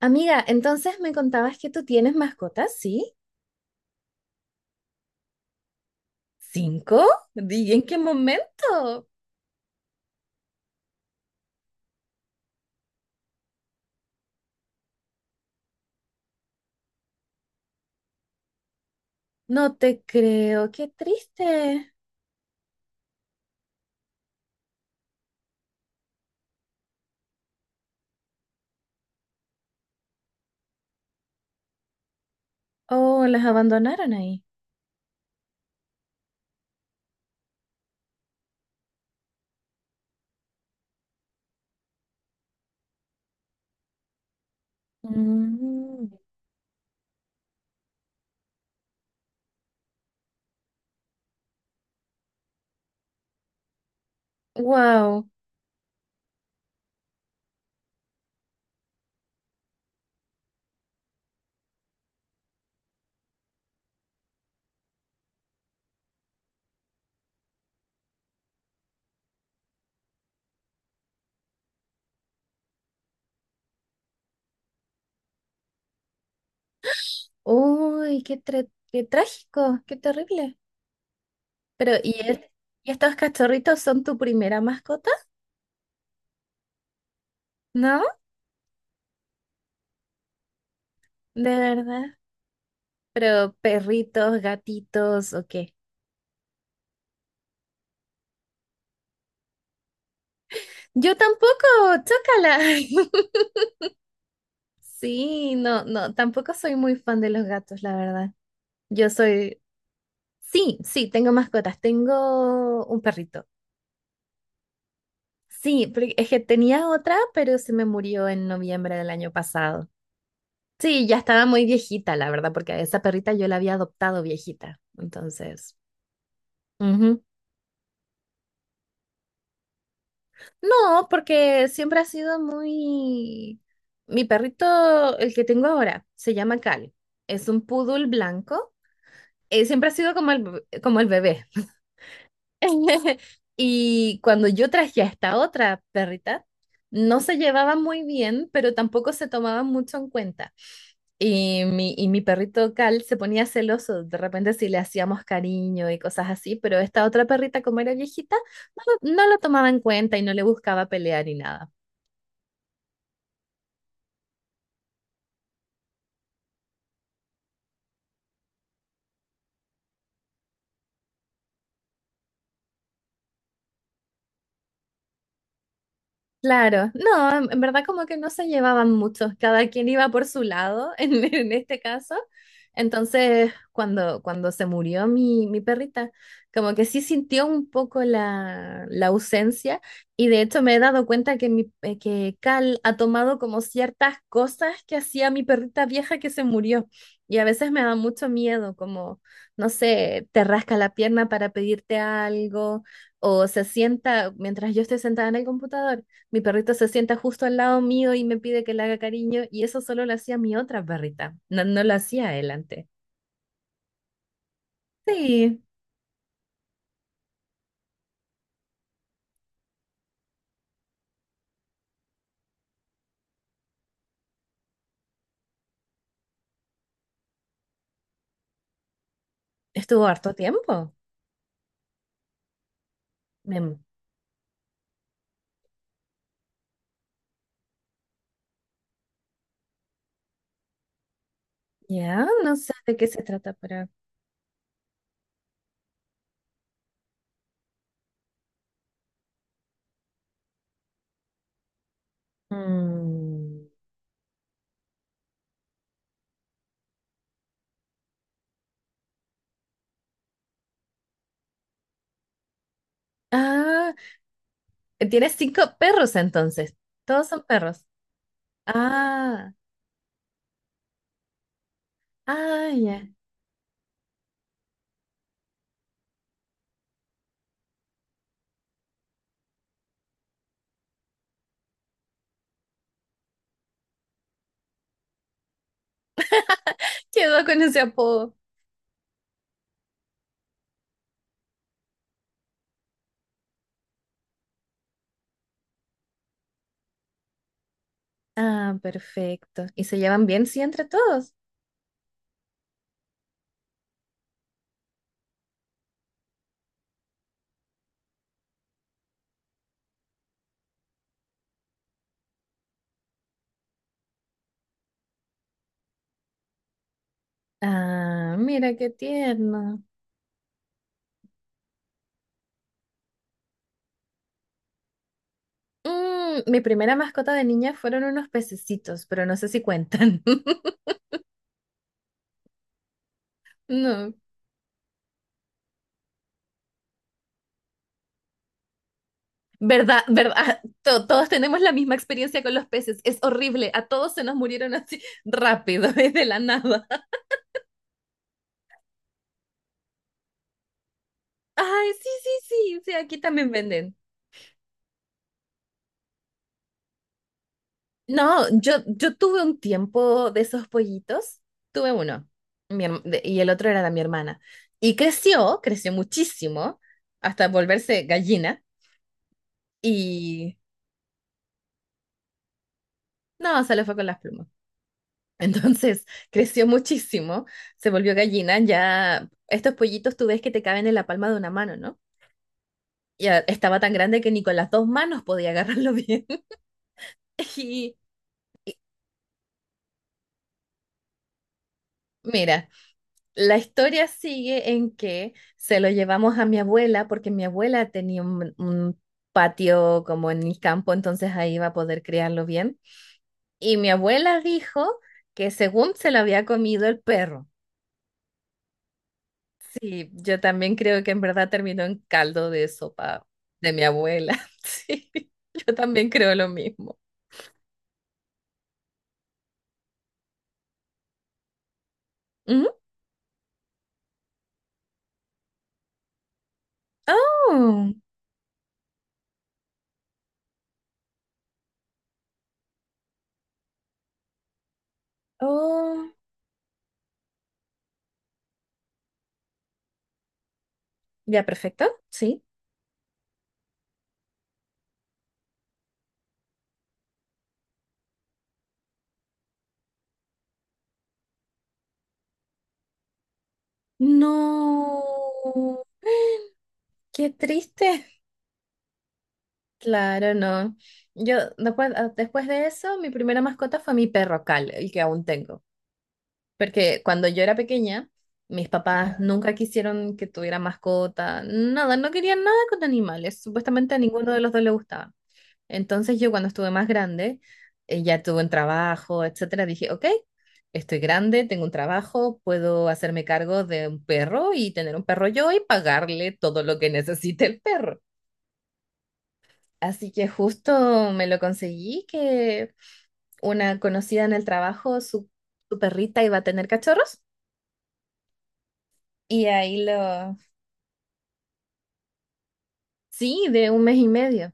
Amiga, entonces me contabas que tú tienes mascotas, ¿sí? ¿Cinco? ¿Y en qué momento? No te creo, qué triste. Oh, las abandonaron ahí. Mm, wow. Uy, qué trágico, qué terrible. Pero, ¿y estos cachorritos son tu primera mascota? ¿No? De verdad. Pero perritos, gatitos, ¿o qué? Yo tampoco, chócala. Sí, no, no, tampoco soy muy fan de los gatos, la verdad. Yo soy, sí, sí, tengo mascotas, tengo un perrito. Sí, porque es que tenía otra, pero se me murió en noviembre del año pasado. Sí, ya estaba muy viejita, la verdad, porque a esa perrita yo la había adoptado viejita. Entonces, ujú. No, porque siempre ha sido muy. Mi perrito, el que tengo ahora, se llama Cal. Es un poodle blanco. Siempre ha sido como el bebé. Y cuando yo traje a esta otra perrita, no se llevaban muy bien, pero tampoco se tomaban mucho en cuenta. Y mi perrito Cal se ponía celoso de repente si le hacíamos cariño y cosas así, pero esta otra perrita, como era viejita, no, lo no lo tomaba en cuenta y no le buscaba pelear ni nada. Claro, no, en verdad como que no se llevaban mucho, cada quien iba por su lado en este caso. Entonces, cuando se murió mi perrita, como que sí sintió un poco la ausencia y de hecho me he dado cuenta que Cal ha tomado como ciertas cosas que hacía mi perrita vieja que se murió y a veces me da mucho miedo, como, no sé, te rasca la pierna para pedirte algo o se sienta mientras yo estoy sentada en el computador, mi perrito se sienta justo al lado mío y me pide que le haga cariño, y eso solo lo hacía mi otra perrita. No, no lo hacía él antes. Sí, estuvo harto tiempo. Em, ya, no sé de qué se trata, pero. Mm. Ah, tienes cinco perros entonces. Todos son perros. Ah, ah, ya. Quedó con ese apodo. Ah, perfecto. ¿Y se llevan bien, sí, entre todos? Ah, mira qué tierno. Mi primera mascota de niña fueron unos pececitos, pero no sé si cuentan. No. ¿Verdad? ¿Verdad? Todos tenemos la misma experiencia con los peces. Es horrible. A todos se nos murieron así rápido, de la nada. Ay, sí, sí, sí. Sí, aquí también venden. No, yo tuve un tiempo de esos pollitos. Tuve uno. Y el otro era de mi hermana. Y creció, creció muchísimo, hasta volverse gallina. Y no, se le fue con las plumas. Entonces creció muchísimo, se volvió gallina. Ya estos pollitos tú ves que te caben en la palma de una mano, ¿no? Ya estaba tan grande que ni con las dos manos podía agarrarlo bien. Y mira, la historia sigue en que se lo llevamos a mi abuela porque mi abuela tenía un patio como en el campo, entonces ahí iba a poder criarlo bien. Y mi abuela dijo que según se lo había comido el perro. Sí, yo también creo que en verdad terminó en caldo de sopa de mi abuela. Sí, yo también creo lo mismo. Ujú. Oh, oh, ya, perfecto. Sí. No. Qué triste. Claro, no. Yo después de eso, mi primera mascota fue mi perro Cal, el que aún tengo. Porque cuando yo era pequeña, mis papás nunca quisieron que tuviera mascota, nada, no querían nada con animales. Supuestamente a ninguno de los dos le gustaba. Entonces yo cuando estuve más grande, ya tuve un trabajo, etcétera, dije, ok, estoy grande, tengo un trabajo, puedo hacerme cargo de un perro y tener un perro yo y pagarle todo lo que necesite el perro. Así que justo me lo conseguí que una conocida en el trabajo, su perrita iba a tener cachorros y ahí lo, sí, de un mes y medio.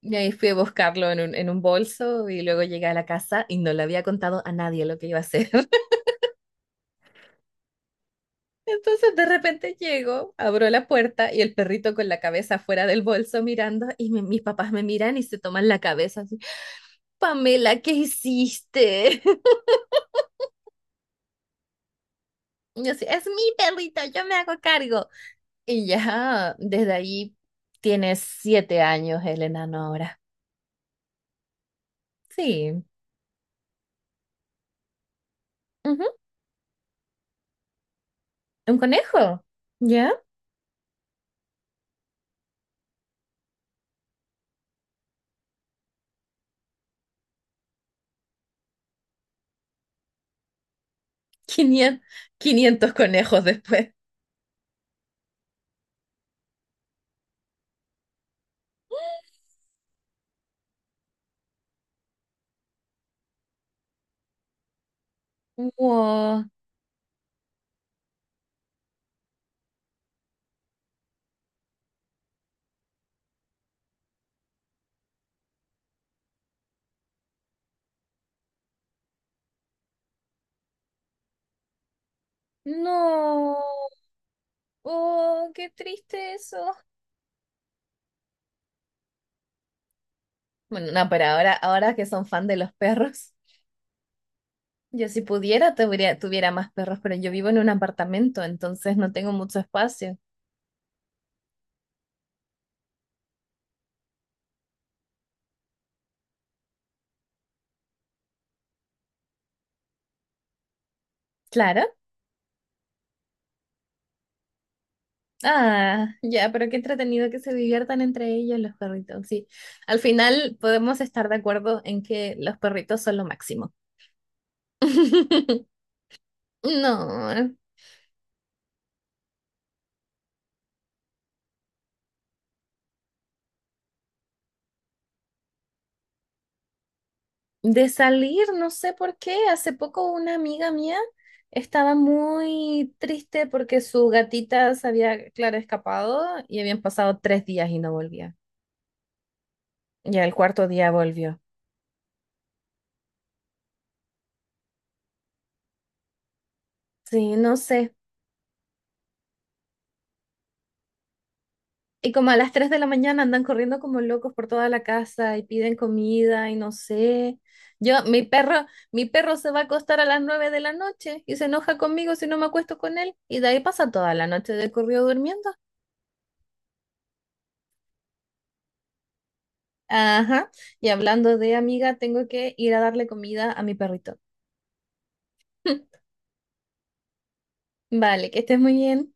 Y ahí fui a buscarlo en un, bolso y luego llegué a la casa y no le había contado a nadie lo que iba a hacer. Entonces de repente llego, abro la puerta y el perrito con la cabeza fuera del bolso mirando y mis papás me miran y se toman la cabeza así, Pamela, ¿qué hiciste? Y yo así, es mi perrito, yo me hago cargo. Y ya desde ahí tiene 7 años el enano ahora. Sí, ujú, un conejo, ¿ya? 500, 500 conejos después. Wow, no, oh, qué triste eso. Bueno, no, pero ahora, ahora que son fan de los perros, yo si pudiera tuviera más perros, pero yo vivo en un apartamento, entonces no tengo mucho espacio. Claro. Ah, ya, pero qué entretenido que se diviertan entre ellos los perritos. Sí, al final podemos estar de acuerdo en que los perritos son lo máximo. No. De salir, no sé por qué. Hace poco una amiga mía estaba muy triste porque su gatita se había, claro, escapado y habían pasado 3 días y no volvía. Ya el cuarto día volvió. Sí, no sé. Y como a las 3 de la mañana andan corriendo como locos por toda la casa y piden comida y no sé. Yo, mi perro, mi perro se va a acostar a las 9 de la noche y se enoja conmigo si no me acuesto con él. Y de ahí pasa toda la noche de corrido durmiendo. Ajá. Y hablando de amiga, tengo que ir a darle comida a mi perrito. Vale, que estés muy bien.